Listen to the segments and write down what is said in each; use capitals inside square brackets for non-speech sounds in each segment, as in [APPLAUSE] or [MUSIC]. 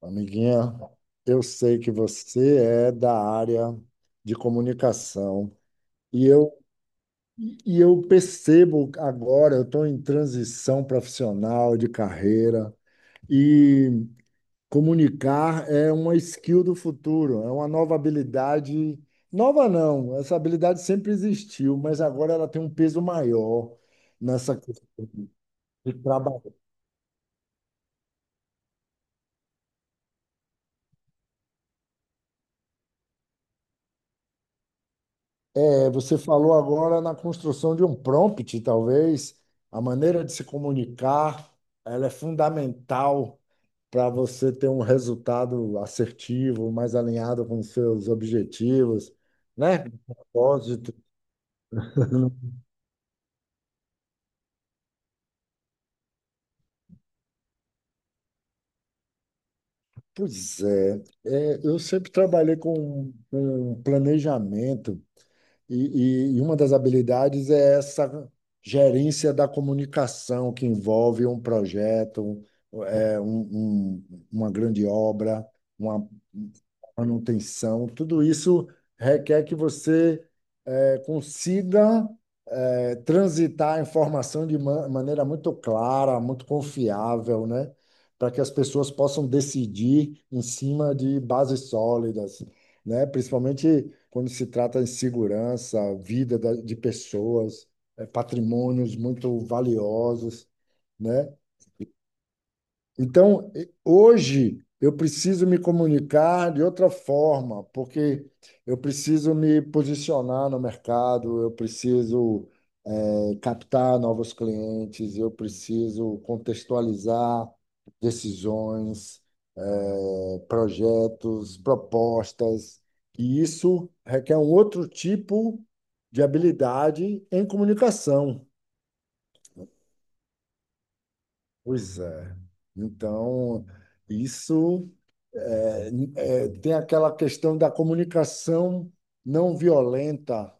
Amiguinha, eu sei que você é da área de comunicação e eu, e eu percebo agora, eu estou em transição profissional de carreira e comunicar é uma skill do futuro, é uma nova habilidade. Nova não, essa habilidade sempre existiu, mas agora ela tem um peso maior nessa questão de trabalhar. É, você falou agora na construção de um prompt, talvez. A maneira de se comunicar, ela é fundamental para você ter um resultado assertivo, mais alinhado com os seus objetivos, né? Propósito. [LAUGHS] Pois é, eu sempre trabalhei com planejamento. E uma das habilidades é essa gerência da comunicação que envolve um projeto, é, um- um- uma grande obra, uma manutenção. Tudo isso requer que você consiga transitar a informação de maneira muito clara, muito confiável, né? Para que as pessoas possam decidir em cima de bases sólidas, né? Principalmente quando se trata de segurança, vida de pessoas, é, patrimônios muito valiosos, né? Então, hoje eu preciso me comunicar de outra forma, porque eu preciso me posicionar no mercado, eu preciso captar novos clientes, eu preciso contextualizar decisões, projetos, propostas, e isso requer um outro tipo de habilidade em comunicação. Pois é. Então, isso é, é, tem aquela questão da comunicação não violenta.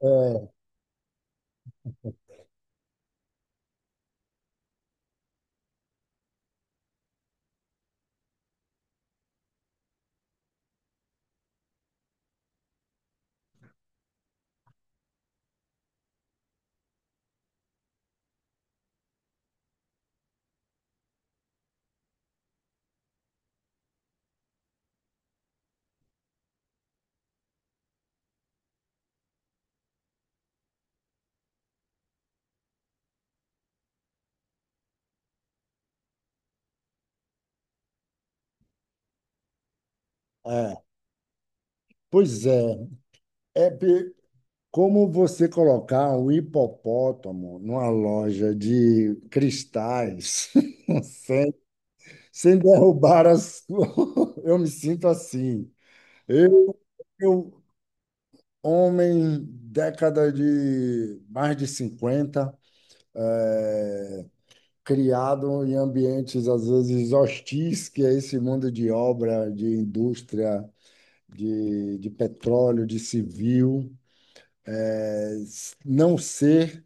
É, é. Pois é, é pe- como você colocar um hipopótamo numa loja de cristais [LAUGHS] sem, sem derrubar as. [LAUGHS] Eu me sinto assim. Eu, eu, homem, década de mais de 50 é, criado em ambientes às vezes hostis, que é esse mundo de obra, de indústria, de petróleo, de civil, não ser,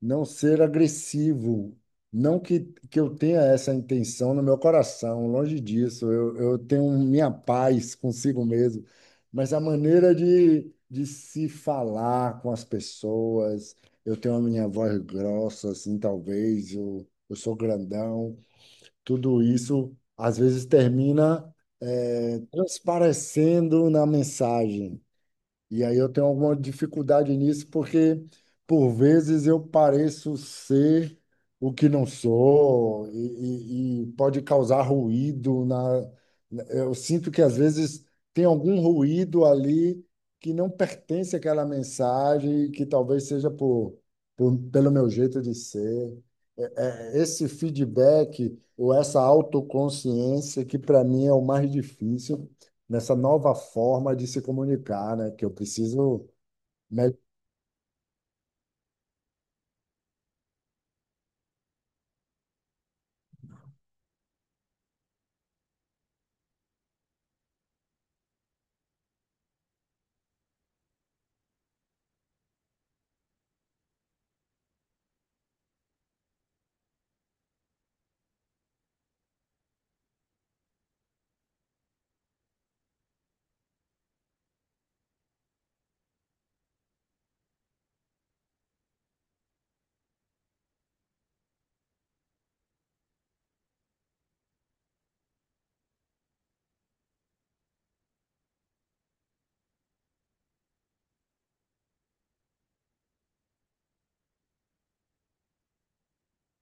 não ser agressivo. Não que, que eu tenha essa intenção no meu coração, longe disso. Eu tenho minha paz consigo mesmo, mas a maneira de se falar com as pessoas, eu tenho a minha voz grossa, assim, talvez, eu sou grandão, tudo isso às vezes termina transparecendo na mensagem. E aí eu tenho alguma dificuldade nisso, porque por vezes eu pareço ser o que não sou, e pode causar ruído na. Eu sinto que às vezes tem algum ruído ali que não pertence àquela mensagem, que talvez seja pelo meu jeito de ser é, esse feedback ou essa autoconsciência que para mim é o mais difícil nessa nova forma de se comunicar, né? Que eu preciso. me-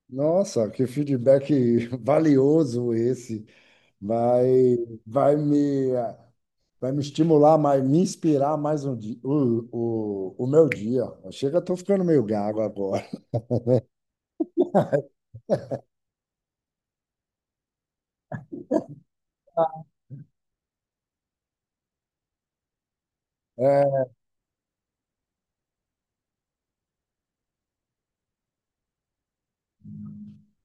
Nossa, que feedback [LAUGHS] valioso esse! Vai, vai me, vai me estimular mais, me inspirar mais um dia, o meu dia. Chega, estou ficando meio gago agora. É,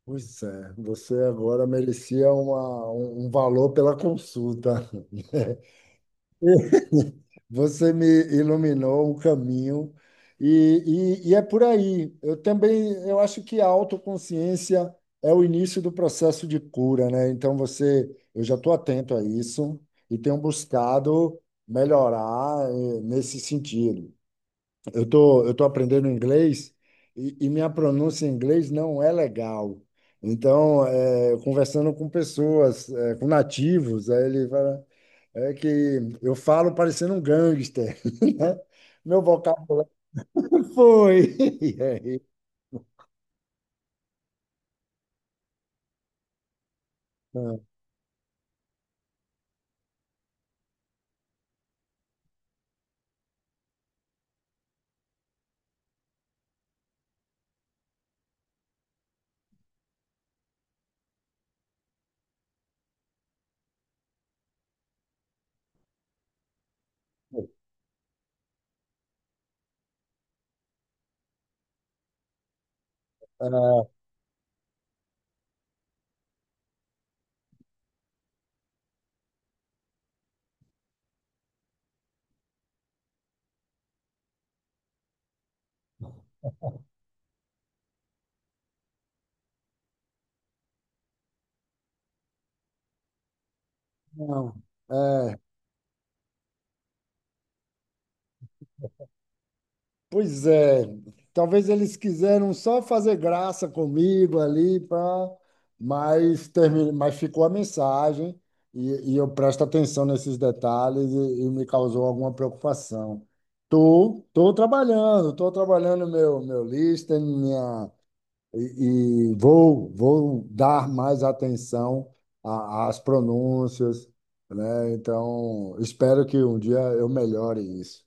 pois é, você agora merecia uma, um valor pela consulta. [LAUGHS] Você me iluminou o caminho e é por aí. Eu também, eu acho que a autoconsciência é o início do processo de cura, né? Então você, eu já estou atento a isso e tenho buscado melhorar nesse sentido. Eu tô aprendendo inglês e minha pronúncia em inglês não é legal. Então, é, conversando com pessoas, é, com nativos, aí ele fala, é que eu falo parecendo um gangster, [LAUGHS] né? Meu vocabulário foi. [LAUGHS] E aí, ah, não, pois é, talvez eles quiseram só fazer graça comigo ali, pra... mas, termi... mas ficou a mensagem e eu presto atenção nesses detalhes e me causou alguma preocupação. Tô trabalhando meu listening, vou dar mais atenção às pronúncias, né? Então, espero que um dia eu melhore isso.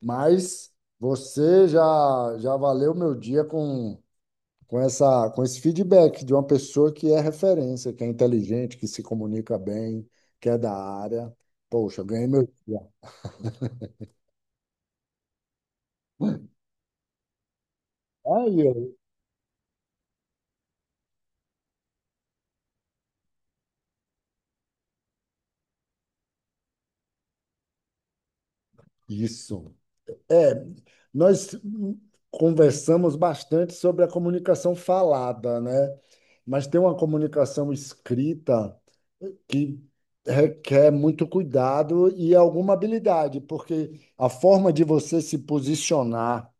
Mas você já, já valeu meu dia com essa, com esse feedback de uma pessoa que é referência, que é inteligente, que se comunica bem, que é da área. Poxa, eu ganhei meu dia. Aí, isso. É, nós conversamos bastante sobre a comunicação falada, né? Mas tem uma comunicação escrita que requer muito cuidado e alguma habilidade, porque a forma de você se posicionar,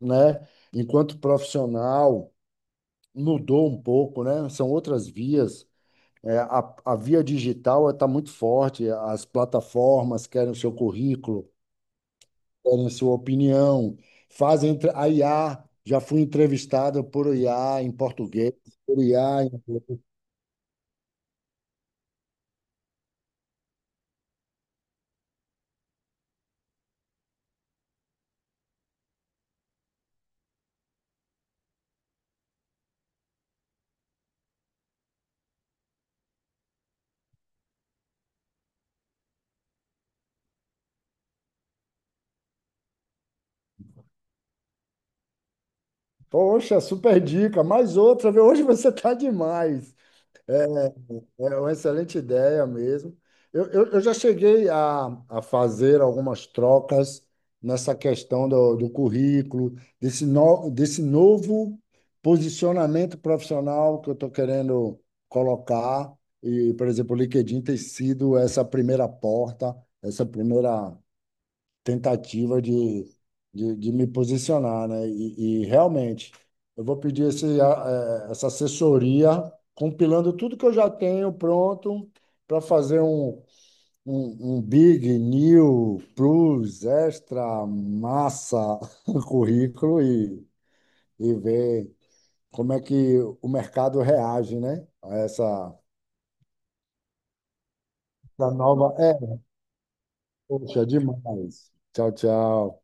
né, enquanto profissional mudou um pouco, né? São outras vias. É, a via digital está muito forte, as plataformas querem o seu currículo, querem sua opinião, a IA. Já fui entrevistado por IA em português, por IA. Poxa, super dica. Mais outra, viu? Hoje você tá demais. É uma excelente ideia mesmo. Eu já cheguei a fazer algumas trocas nessa questão do currículo, desse, no, desse novo posicionamento profissional que eu estou querendo colocar. E, por exemplo, o LinkedIn tem sido essa primeira porta, essa primeira tentativa de me posicionar, né? E realmente, eu vou pedir esse, essa assessoria, compilando tudo que eu já tenho pronto para fazer um Big, New, Plus, Extra, Massa [LAUGHS] currículo e ver como é que o mercado reage, né? A essa, essa nova. É, poxa, demais. Tchau, tchau.